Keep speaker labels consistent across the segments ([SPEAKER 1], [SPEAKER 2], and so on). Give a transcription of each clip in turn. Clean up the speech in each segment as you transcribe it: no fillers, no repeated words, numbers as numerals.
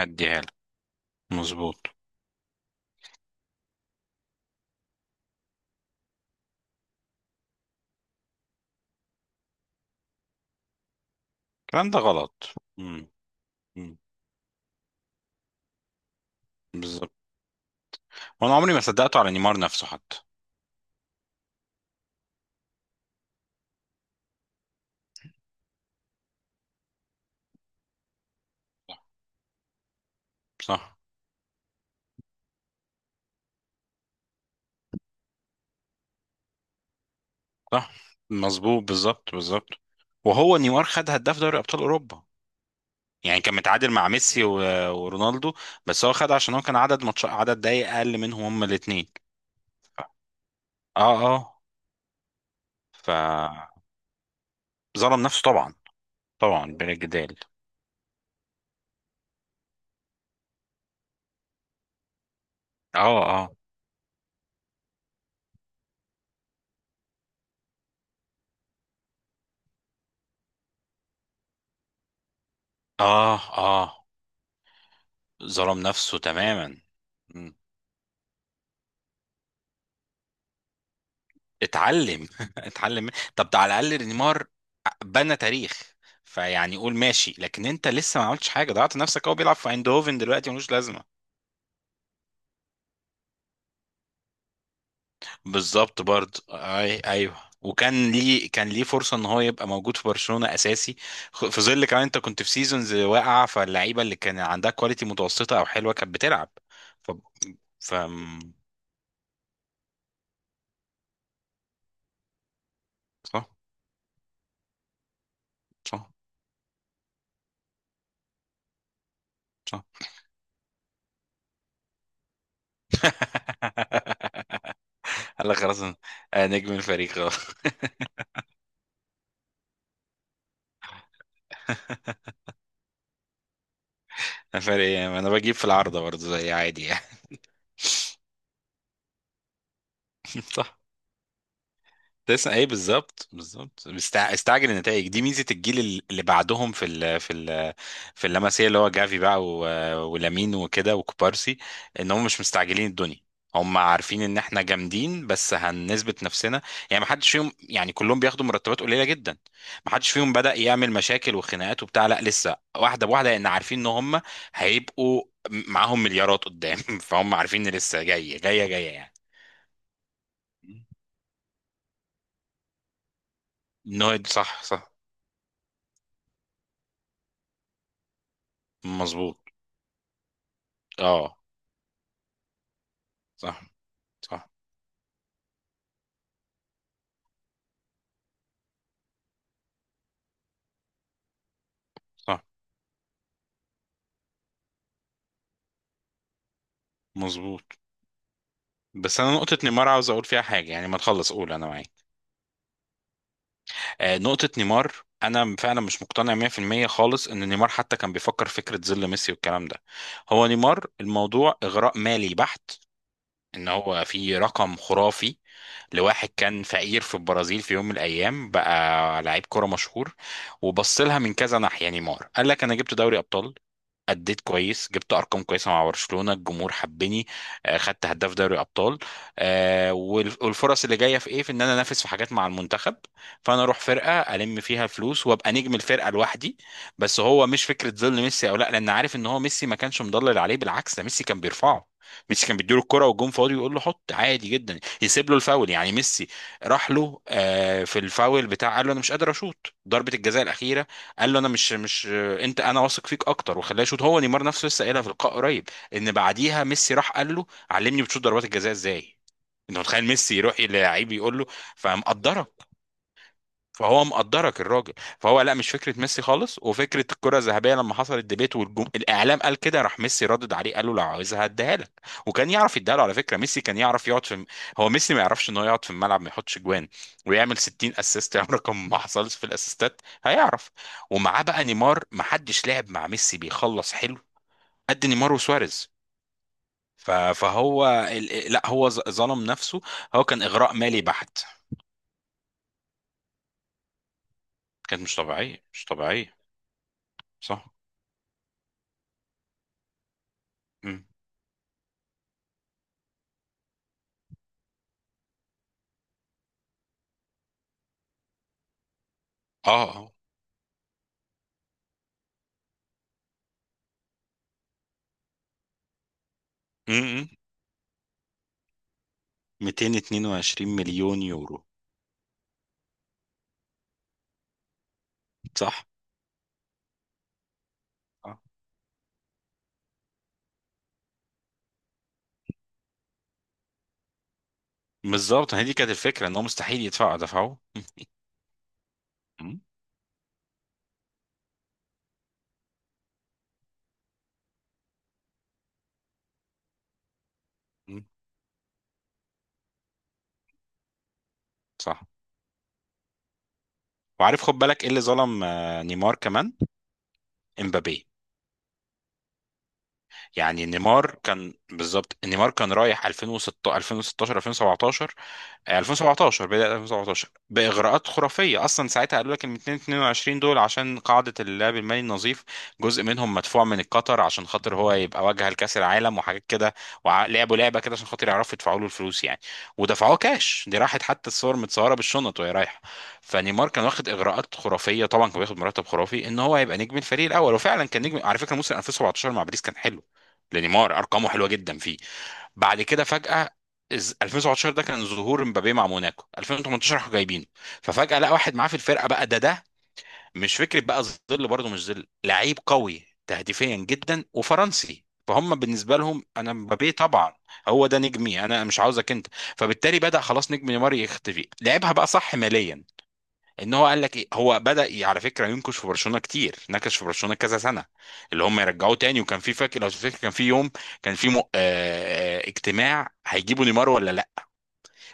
[SPEAKER 1] هديها لك. مظبوط. الكلام ده غلط. مم. مم. بالظبط. وانا عمري ما صدقته على نيمار نفسه حتى. صح، صح، مظبوط، بالظبط، بالظبط. وهو نيمار خد هداف دوري ابطال اوروبا، يعني كان متعادل مع ميسي ورونالدو. بس هو خد عشان هو كان عدد ماتش، عدد دقايق اقل منهم هما الاثنين. اه اه. ف ظلم نفسه طبعا، طبعا بلا جدال. اه اه اه اه. ظلم نفسه تماما. اتعلم اتعلم من- طب ده على الاقل نيمار بنى تاريخ. فيعني قول ماشي، لكن انت لسه ما عملتش حاجه، ضيعت نفسك. هو بيلعب في ايندهوفن دلوقتي، ملوش لازمه. بالظبط، برضه، ايوه. وكان ليه كان ليه فرصه ان هو يبقى موجود في برشلونه اساسي، في ظل كمان انت كنت في سيزونز واقعه، فاللعيبه اللي كان عندها كواليتي متوسطه او حلوه كانت بتلعب. ف ف صح، صح، صح. قال لك خلاص أنا نجم الفريق خلاص. الفريق انا بجيب في العارضه برضه زي عادي يعني. صح. كنت لسه ايه؟ بالظبط، بالظبط. استعجل النتائج دي. ميزه الجيل اللي بعدهم في اللمسيه، اللي هو جافي بقى ولامين وكده وكوبارسي، ان هم مش مستعجلين الدنيا. هم عارفين ان احنا جامدين، بس هنثبت نفسنا. يعني ما حدش فيهم يعني كلهم بياخدوا مرتبات قليله جدا. ما حدش فيهم بدأ يعمل مشاكل وخناقات وبتاع، لا لسه واحده بواحده، لان عارفين ان هم هيبقوا معاهم مليارات قدام. فهم عارفين ان لسه جايه جايه جايه يعني. انه صح، صح، مظبوط. اه، صح، صح، صح، مظبوط. بس انا نقطة نيمار عاوز اقول فيها حاجة، يعني ما تخلص قول انا معاك. آه، نقطة نيمار. انا فعلا مش مقتنع 100% خالص ان نيمار حتى كان بيفكر فكرة ظل ميسي والكلام ده. هو نيمار الموضوع اغراء مالي بحت. ان هو في رقم خرافي لواحد كان فقير في البرازيل، في يوم من الايام بقى لعيب كرة مشهور. وبص لها من كذا ناحية. نيمار قال لك انا جبت دوري ابطال، أديت كويس، جبت أرقام كويسة مع برشلونة، الجمهور حبني، خدت هداف دوري أبطال، والفرص اللي جاية في إيه، في إن أنا أنافس في حاجات مع المنتخب. فأنا أروح فرقة ألم فيها فلوس وأبقى نجم الفرقة لوحدي. بس هو مش فكرة ظل ميسي أو لا، لأن عارف إن هو ميسي ما كانش مضلل عليه، بالعكس ده ميسي كان بيرفعه. ميسي كان بيديله الكرة والجون فاضي ويقول له حط عادي جدا، يسيب له الفاول. يعني ميسي راح له في الفاول بتاع، قال له انا مش قادر اشوط ضربة الجزاء الأخيرة. قال له انا مش، انت انا واثق فيك اكتر، وخلاه يشوط هو. نيمار نفسه لسه قايلها في لقاء قريب ان بعديها ميسي راح قال له علمني بتشوط ضربات الجزاء ازاي. انت متخيل ميسي يروح للعيب يقول له؟ فمقدره فهو مقدرك الراجل. فهو لا، مش فكره ميسي خالص. وفكره الكره الذهبيه لما حصل الديبيت الاعلام قال كده، راح ميسي ردد عليه قال له لو عاوزها هديها لك. وكان يعرف يديها له على فكره. ميسي كان يعرف يقعد هو ميسي ما يعرفش ان هو يقعد في الملعب ما يحطش جوان ويعمل 60 اسيست؟ يعني رقم ما حصلش في الاسيستات، هيعرف. ومعاه بقى نيمار، ما حدش لعب مع ميسي بيخلص حلو قد نيمار وسواريز. لا هو ظلم نفسه، هو كان اغراء مالي بحت. كانت مش طبيعيه، مش طبيعيه. صح. اه اه. امم. 222 مليون يورو. صح. اه بالظبط، هي دي كانت الفكره. ان هو مستحيل يدفعوا، دفعوه. مم. مم. صح. وعارف خد بالك ايه اللي ظلم نيمار كمان؟ امبابي. يعني نيمار كان بالظبط، نيمار كان رايح 2006 2016 2017 2017، بداية 2017، بإغراءات خرافية أصلا. ساعتها قالوا لك إن 222 دول عشان قاعدة اللعب المالي النظيف، جزء منهم مدفوع من قطر عشان خاطر هو يبقى واجهة لكأس العالم وحاجات كده. ولعبوا لعبة كده عشان خاطر يعرفوا يدفعوا له الفلوس يعني، ودفعوه كاش. دي راحت حتى الصور متصورة بالشنط وهي رايحة. فنيمار كان واخد إغراءات خرافية، طبعا كان بياخد مرتب خرافي، إن هو يبقى نجم الفريق الأول. وفعلا كان نجم، على فكرة موسم 2017 مع باريس كان حلو لنيمار، أرقامه حلوة جدا. بعد كده فجأة، 2017 ده كان ظهور مبابي مع موناكو، 2018 راحوا جايبينه. ففجأة لقى واحد معاه في الفرقة بقى ده. مش فكرة بقى ظل، برضه مش ظل، لعيب قوي تهديفيا جدا وفرنسي، فهم بالنسبة لهم انا مبابي طبعا هو ده نجمي، انا مش عاوزك انت. فبالتالي بدأ خلاص نجم نيمار يختفي. لعبها بقى صح ماليا، ان هو قال لك ايه. هو بدأ على فكره ينكش في برشلونه كتير، نكش في برشلونه كذا سنه اللي هم يرجعوه تاني. وكان في، فاكر لو تفتكر، كان في يوم كان في اجتماع هيجيبوا نيمار ولا لا.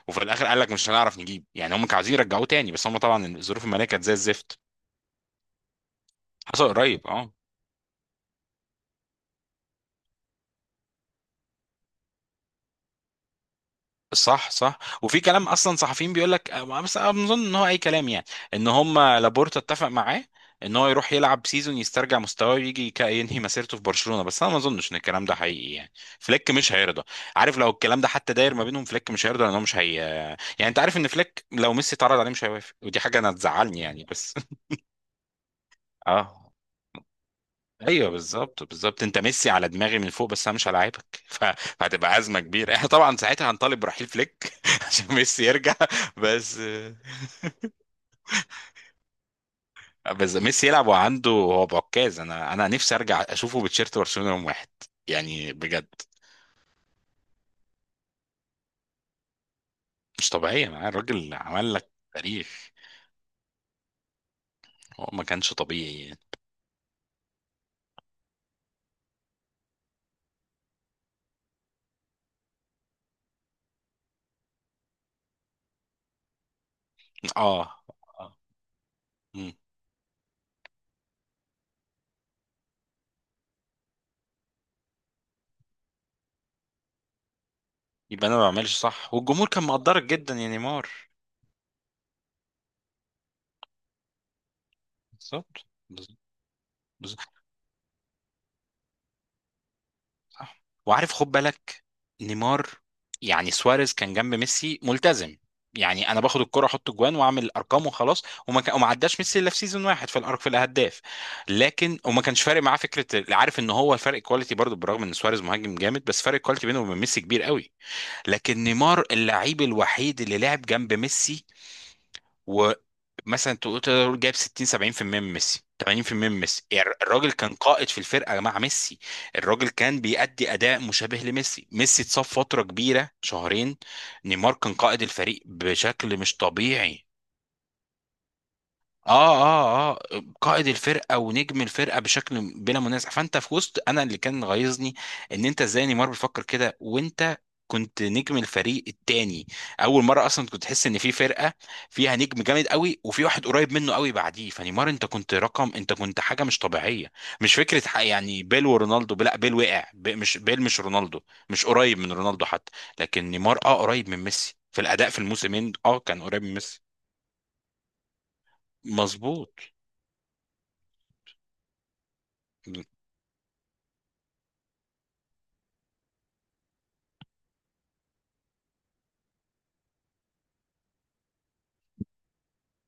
[SPEAKER 1] وفي الاخر قال لك مش هنعرف نجيب. يعني هم كانوا عايزين يرجعوه تاني بس هم طبعا الظروف الماليه كانت زي الزفت. حصل قريب، اه. صح صح. وفي كلام اصلا صحفيين بيقول لك، بس انا بظن ان هو اي كلام يعني، ان هم لابورتا اتفق معاه ان هو يروح يلعب سيزون يسترجع مستواه ويجي ينهي مسيرته في برشلونه. بس انا ما اظنش ان الكلام ده حقيقي يعني. فليك مش هيرضى. عارف لو الكلام ده حتى داير ما بينهم، فليك مش هيرضى، لان هو مش هي. يعني انت عارف ان فليك لو ميسي اتعرض عليه مش هيوافق، ودي حاجه انا تزعلني يعني بس. اه ايوه، بالظبط بالظبط. انت ميسي على دماغي من فوق بس انا مش هلاعبك. فهتبقى ازمه كبيره. احنا طبعا ساعتها هنطالب برحيل فليك عشان ميسي يرجع. بس بس ميسي يلعب وعنده هو بعكاز. انا نفسي ارجع اشوفه بتشيرت برشلونه يوم واحد. يعني بجد مش طبيعيه معاه. الراجل عمل لك تاريخ، هو ما كانش طبيعي يعني. اه. آه. مم. يبقى انا ما بعملش. صح. والجمهور كان مقدرك جدا يا نيمار. بالظبط بالظبط. صح. وعارف خد بالك، نيمار، يعني سواريز كان جنب ميسي ملتزم، يعني انا باخد الكرة احط جوان واعمل ارقام وخلاص. وما عداش ميسي الا في سيزون واحد في في الهداف، لكن وما كانش فارق معاه فكره. عارف ان هو الفرق كواليتي برضه، بالرغم ان سواريز مهاجم جامد بس فرق الكواليتي بينه وبين ميسي كبير قوي. لكن نيمار اللعيب الوحيد اللي لعب جنب ميسي ومثلا تقول، تقدر تقول جايب 60 70% من ميسي، 80% من ميسي. يعني الراجل كان قائد في الفرقه مع ميسي، الراجل كان بيأدي اداء مشابه لميسي. ميسي اتصاب فتره كبيره شهرين، نيمار كان قائد الفريق بشكل مش طبيعي. اه اه اه، قائد الفرقه ونجم الفرقه بشكل بلا منازع. فانت في وسط، انا اللي كان غيظني ان انت ازاي نيمار بيفكر كده، وانت كنت نجم الفريق التاني. اول مره اصلا كنت تحس ان في فرقه فيها نجم جامد قوي وفي واحد قريب منه قوي بعديه. فنيمار انت كنت رقم، انت كنت حاجه مش طبيعيه. مش فكره يعني بيل ورونالدو، لا بيل وقع مش بيل، مش رونالدو، مش قريب من رونالدو حتى. لكن نيمار اه قريب من ميسي في الاداء، في الموسمين اه كان قريب من ميسي. مظبوط.